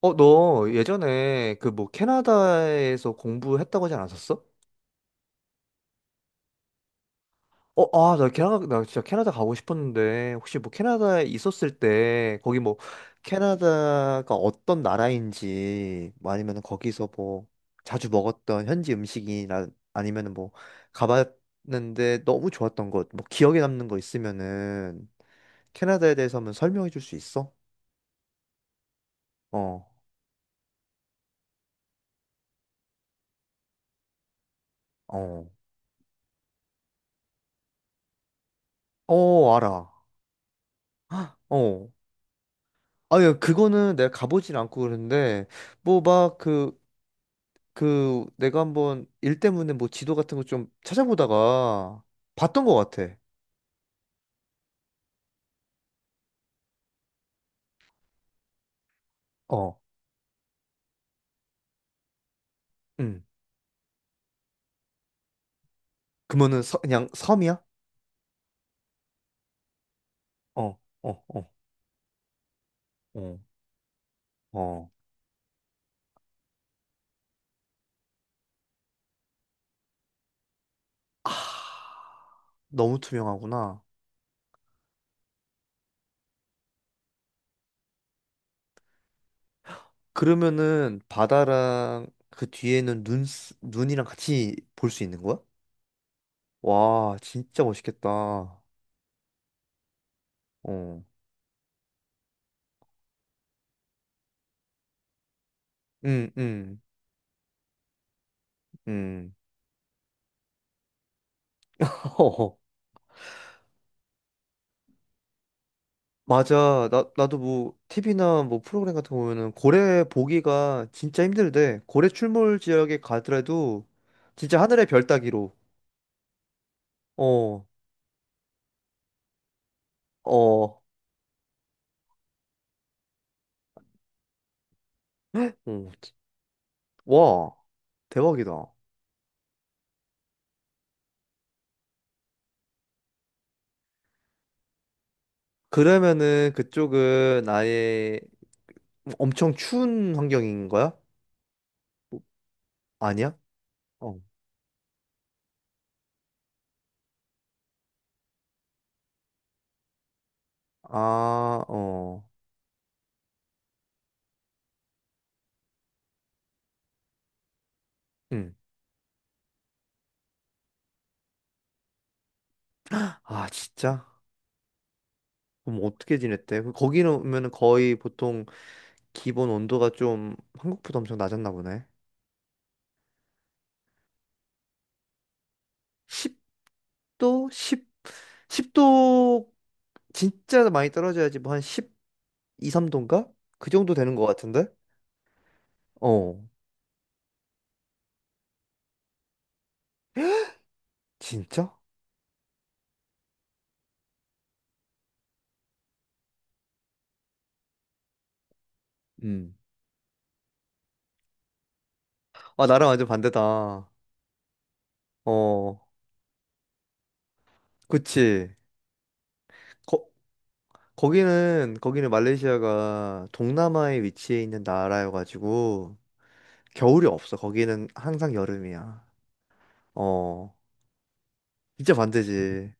어, 너 예전에 그 뭐 캐나다에서 공부했다고 하지 않았었어? 어, 아, 나 캐나다, 나 진짜 캐나다 가고 싶었는데, 혹시 뭐 캐나다에 있었을 때, 거기 뭐, 캐나다가 어떤 나라인지, 뭐 아니면 거기서 뭐, 자주 먹었던 현지 음식이나, 아니면 뭐, 가봤는데 너무 좋았던 것, 뭐, 기억에 남는 거 있으면은, 캐나다에 대해서 한번 설명해 줄 수 있어? 어, 어, 어, 알아. 어. 아유, 그거는 내가 가보진 않고 그러는데, 뭐, 막, 그, 그, 내가 한번 일 때문에 뭐 지도 같은 거 좀 찾아보다가 봤던 것 같아. 어, 응. 그러면은 서- 그냥 섬이야? 어, 어, 어, 어, 어. 아, 너무 투명하구나. 그러면은 바다랑 그 뒤에는 눈, 쓰- 눈이랑 같이 볼 수 있는 거야? 와, 진짜 멋있겠다. 어, 응, 응, 응. 맞아. 나도 뭐, TV나 뭐 프로그램 같은 거 보면은 고래 보기가 진짜 힘들대. 고래 출몰 지역에 가더라도 진짜 하늘의 별 따기로. 어, 어, 어. 와, 대박이다. 그러면은 그쪽은 아예 엄청 추운 환경인 거야? 아니야? 어. 아, 어. 응. 아, 진짜? 그럼 어떻게 지냈대? 그 거기는 오면은 거의 보통 기본 온도가 좀 한국보다 엄청 낮았나 보네. 10도 10, 10도 진짜 많이 떨어져야지 뭐 한 12, 3도인가? 그 정도 되는 것 같은데? 어, 진짜? 음. 아, 나랑 완전 반대다. 어, 그치. 거, 거기는 말레이시아가 동남아에 위치해 있는 나라여가지고 겨울이 없어. 거기는 항상 여름이야. 어, 진짜 반대지.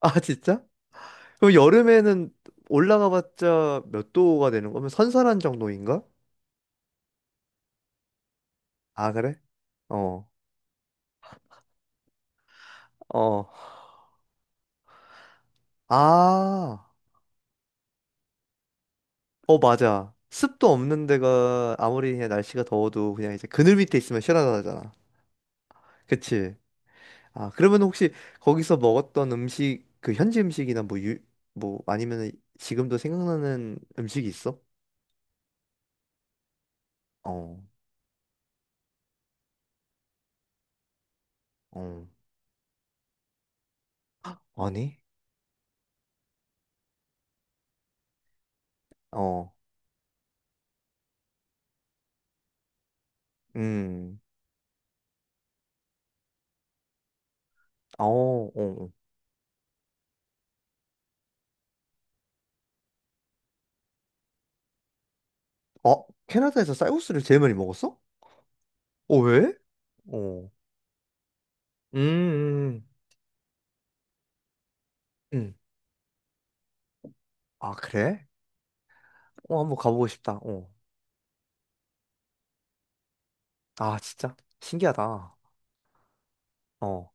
아, 진짜? 그럼 여름에는 올라가봤자 몇 도가 되는 거면 선선한 정도인가? 아, 그래? 어, 어. 아, 어, 맞아. 습도 없는 데가 아무리 그냥 날씨가 더워도 그냥 이제 그늘 밑에 있으면 시원하잖아. 그치? 아, 그러면 혹시 거기서 먹었던 음식, 그 현지 음식이나 뭐 유, 뭐 아니면 지금도 생각나는 음식이 있어? 어, 어. 아니? 어, 음, 어, 어. 어, 어, 캐나다에서 쌀국수를 제일 많이 먹었어? 어, 왜? 어, 음, 음. 음. 아, 그래? 어, 한번 가보고 싶다. 어. 아, 진짜? 신기하다. 어.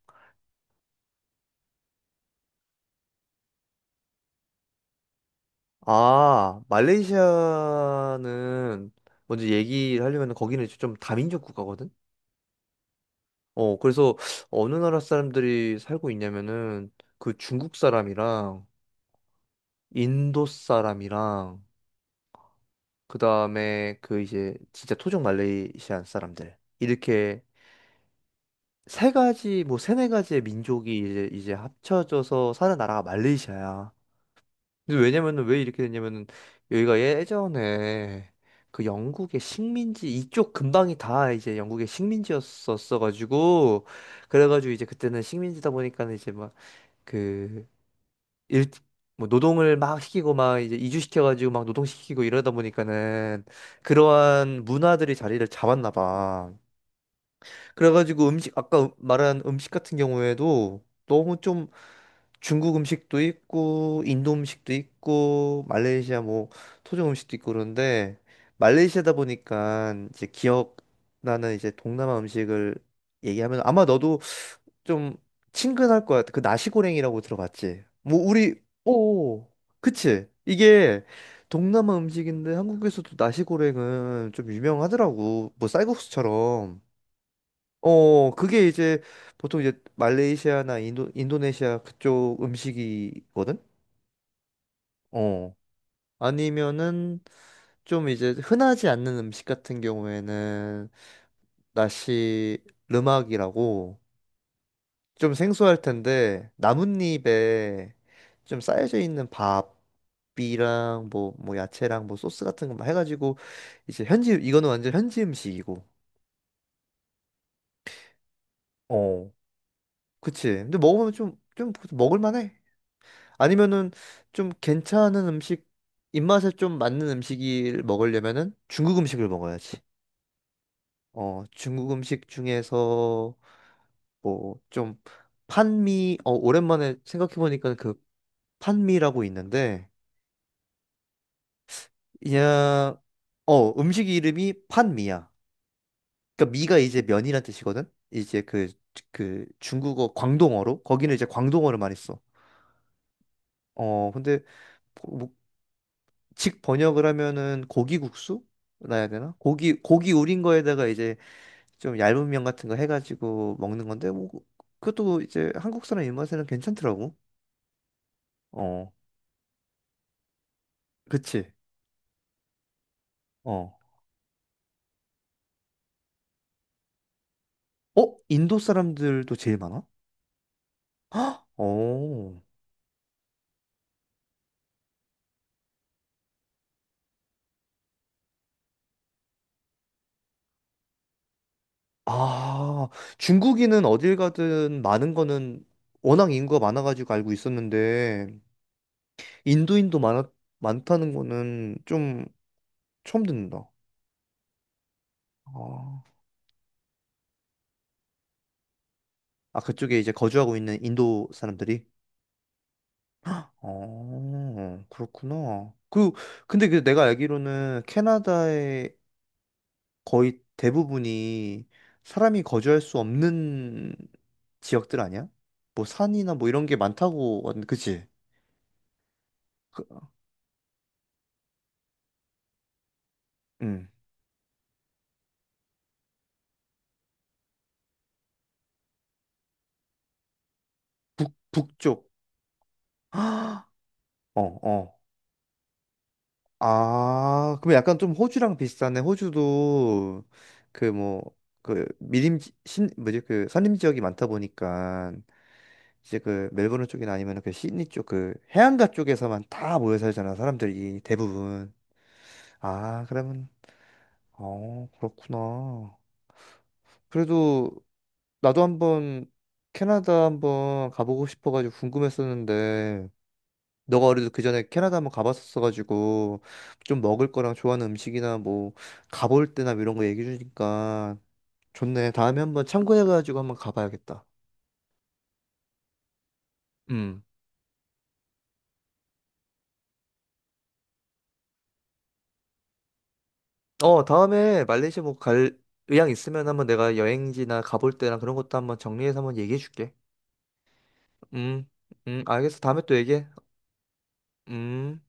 아, 말레이시아는 먼저 얘기를 하려면 거기는 좀 다민족 국가거든? 어, 그래서 어느 나라 사람들이 살고 있냐면은 그 중국 사람이랑 인도 사람이랑 그 다음에 그 이제 진짜 토종 말레이시안 사람들. 이렇게 세 가지, 뭐 세네 가지의 민족이 이제 합쳐져서 사는 나라가 말레이시아야. 근데 왜냐면은 왜 이렇게 됐냐면은 여기가 예전에 그 영국의 식민지 이쪽 근방이 다 이제 영국의 식민지였었어 가지고 그래가지고 이제 그때는 식민지다 보니까는 이제 막그일 뭐 노동을 막 시키고 막 이제 이주시켜가지고 막 노동시키고 이러다 보니까는 그러한 문화들이 자리를 잡았나 봐. 그래가지고 음식 아까 말한 음식 같은 경우에도 너무 좀 중국 음식도 있고 인도 음식도 있고 말레이시아 뭐 토종 음식도 있고 그런데 말레이시아다 보니까 이제 기억나는 이제 동남아 음식을 얘기하면 아마 너도 좀 친근할 거야. 그 나시고랭이라고 들어봤지? 뭐 우리 오 그치? 이게 동남아 음식인데 한국에서도 나시고랭은 좀 유명하더라고. 뭐 쌀국수처럼. 어, 그게 이제 보통 이제 말레이시아나 인도, 인도네시아 그쪽 음식이거든? 어. 아니면은 좀 이제 흔하지 않는 음식 같은 경우에는 나시 르막이라고 좀 생소할 텐데 나뭇잎에 좀 쌓여져 있는 밥이랑 뭐, 뭐 야채랑 뭐 소스 같은 거막 해가지고 이제 현지, 이거는 완전 현지 음식이고. 어. 그치. 근데 먹으면 좀, 좀 먹을만해. 아니면은 좀 괜찮은 음식, 입맛에 좀 맞는 음식을 먹으려면은 중국 음식을 먹어야지. 어, 중국 음식 중에서 뭐 좀 판미, 어, 오랜만에 생각해보니까 그 판미라고 있는데 그냥 어 음식 이름이 판미야. 그러니까 미가 이제 면이란 뜻이거든. 이제 그 그 중국어 광동어로 거기는 이제 광동어를 많이 써. 어 근데 뭐 직 번역을 하면은 고기 국수? 나야 되나? 고기 고기 우린 거에다가 이제 좀 얇은 면 같은 거 해가지고 먹는 건데 뭐 그, 그것도 이제 한국 사람 입맛에는 괜찮더라고. 어, 그치. 어, 어 인도 사람들도 제일 많아? 어, 아 중국인은 어딜 가든 많은 거는 워낙 인구가 많아가지고 알고 있었는데 인도인도 많아 많다는 거는 좀 처음 듣는다. 아, 아 그쪽에 이제 거주하고 있는 인도 사람들이 어, 그렇구나. 그, 근데 그 내가 알기로는 캐나다의 거의 대부분이 사람이 거주할 수 없는 지역들 아니야? 뭐 산이나 뭐 이런 게 많다고, 왔- 그치? 그, 음, 북쪽. 어, 어. 아, 그럼 약간 좀 호주랑 비슷하네. 호주도 그 뭐, 그 미림, 신, 뭐지? 그 산림 지역이 많다 보니까. 이제 그 멜버른 쪽이나 아니면 그 시드니 쪽 그 해안가 쪽에서만 다 모여 살잖아 사람들이 대부분. 아 그러면 어 그렇구나. 그래도 나도 한번 캐나다 한번 가보고 싶어가지고 궁금했었는데 너가 어려도 그 전에 캐나다 한번 가봤었어가지고 좀 먹을 거랑 좋아하는 음식이나 뭐 가볼 때나 뭐 이런 거 얘기해 주니까 좋네. 다음에 한번 참고해가지고 한번 가봐야겠다. 음. 어, 다음에 말레이시아 뭐 갈 의향 있으면 한번 내가 여행지나 가볼 때랑 그런 것도 한번 정리해서 한번 얘기해 줄게. 음, 알겠어. 다음에 또 얘기해. 음.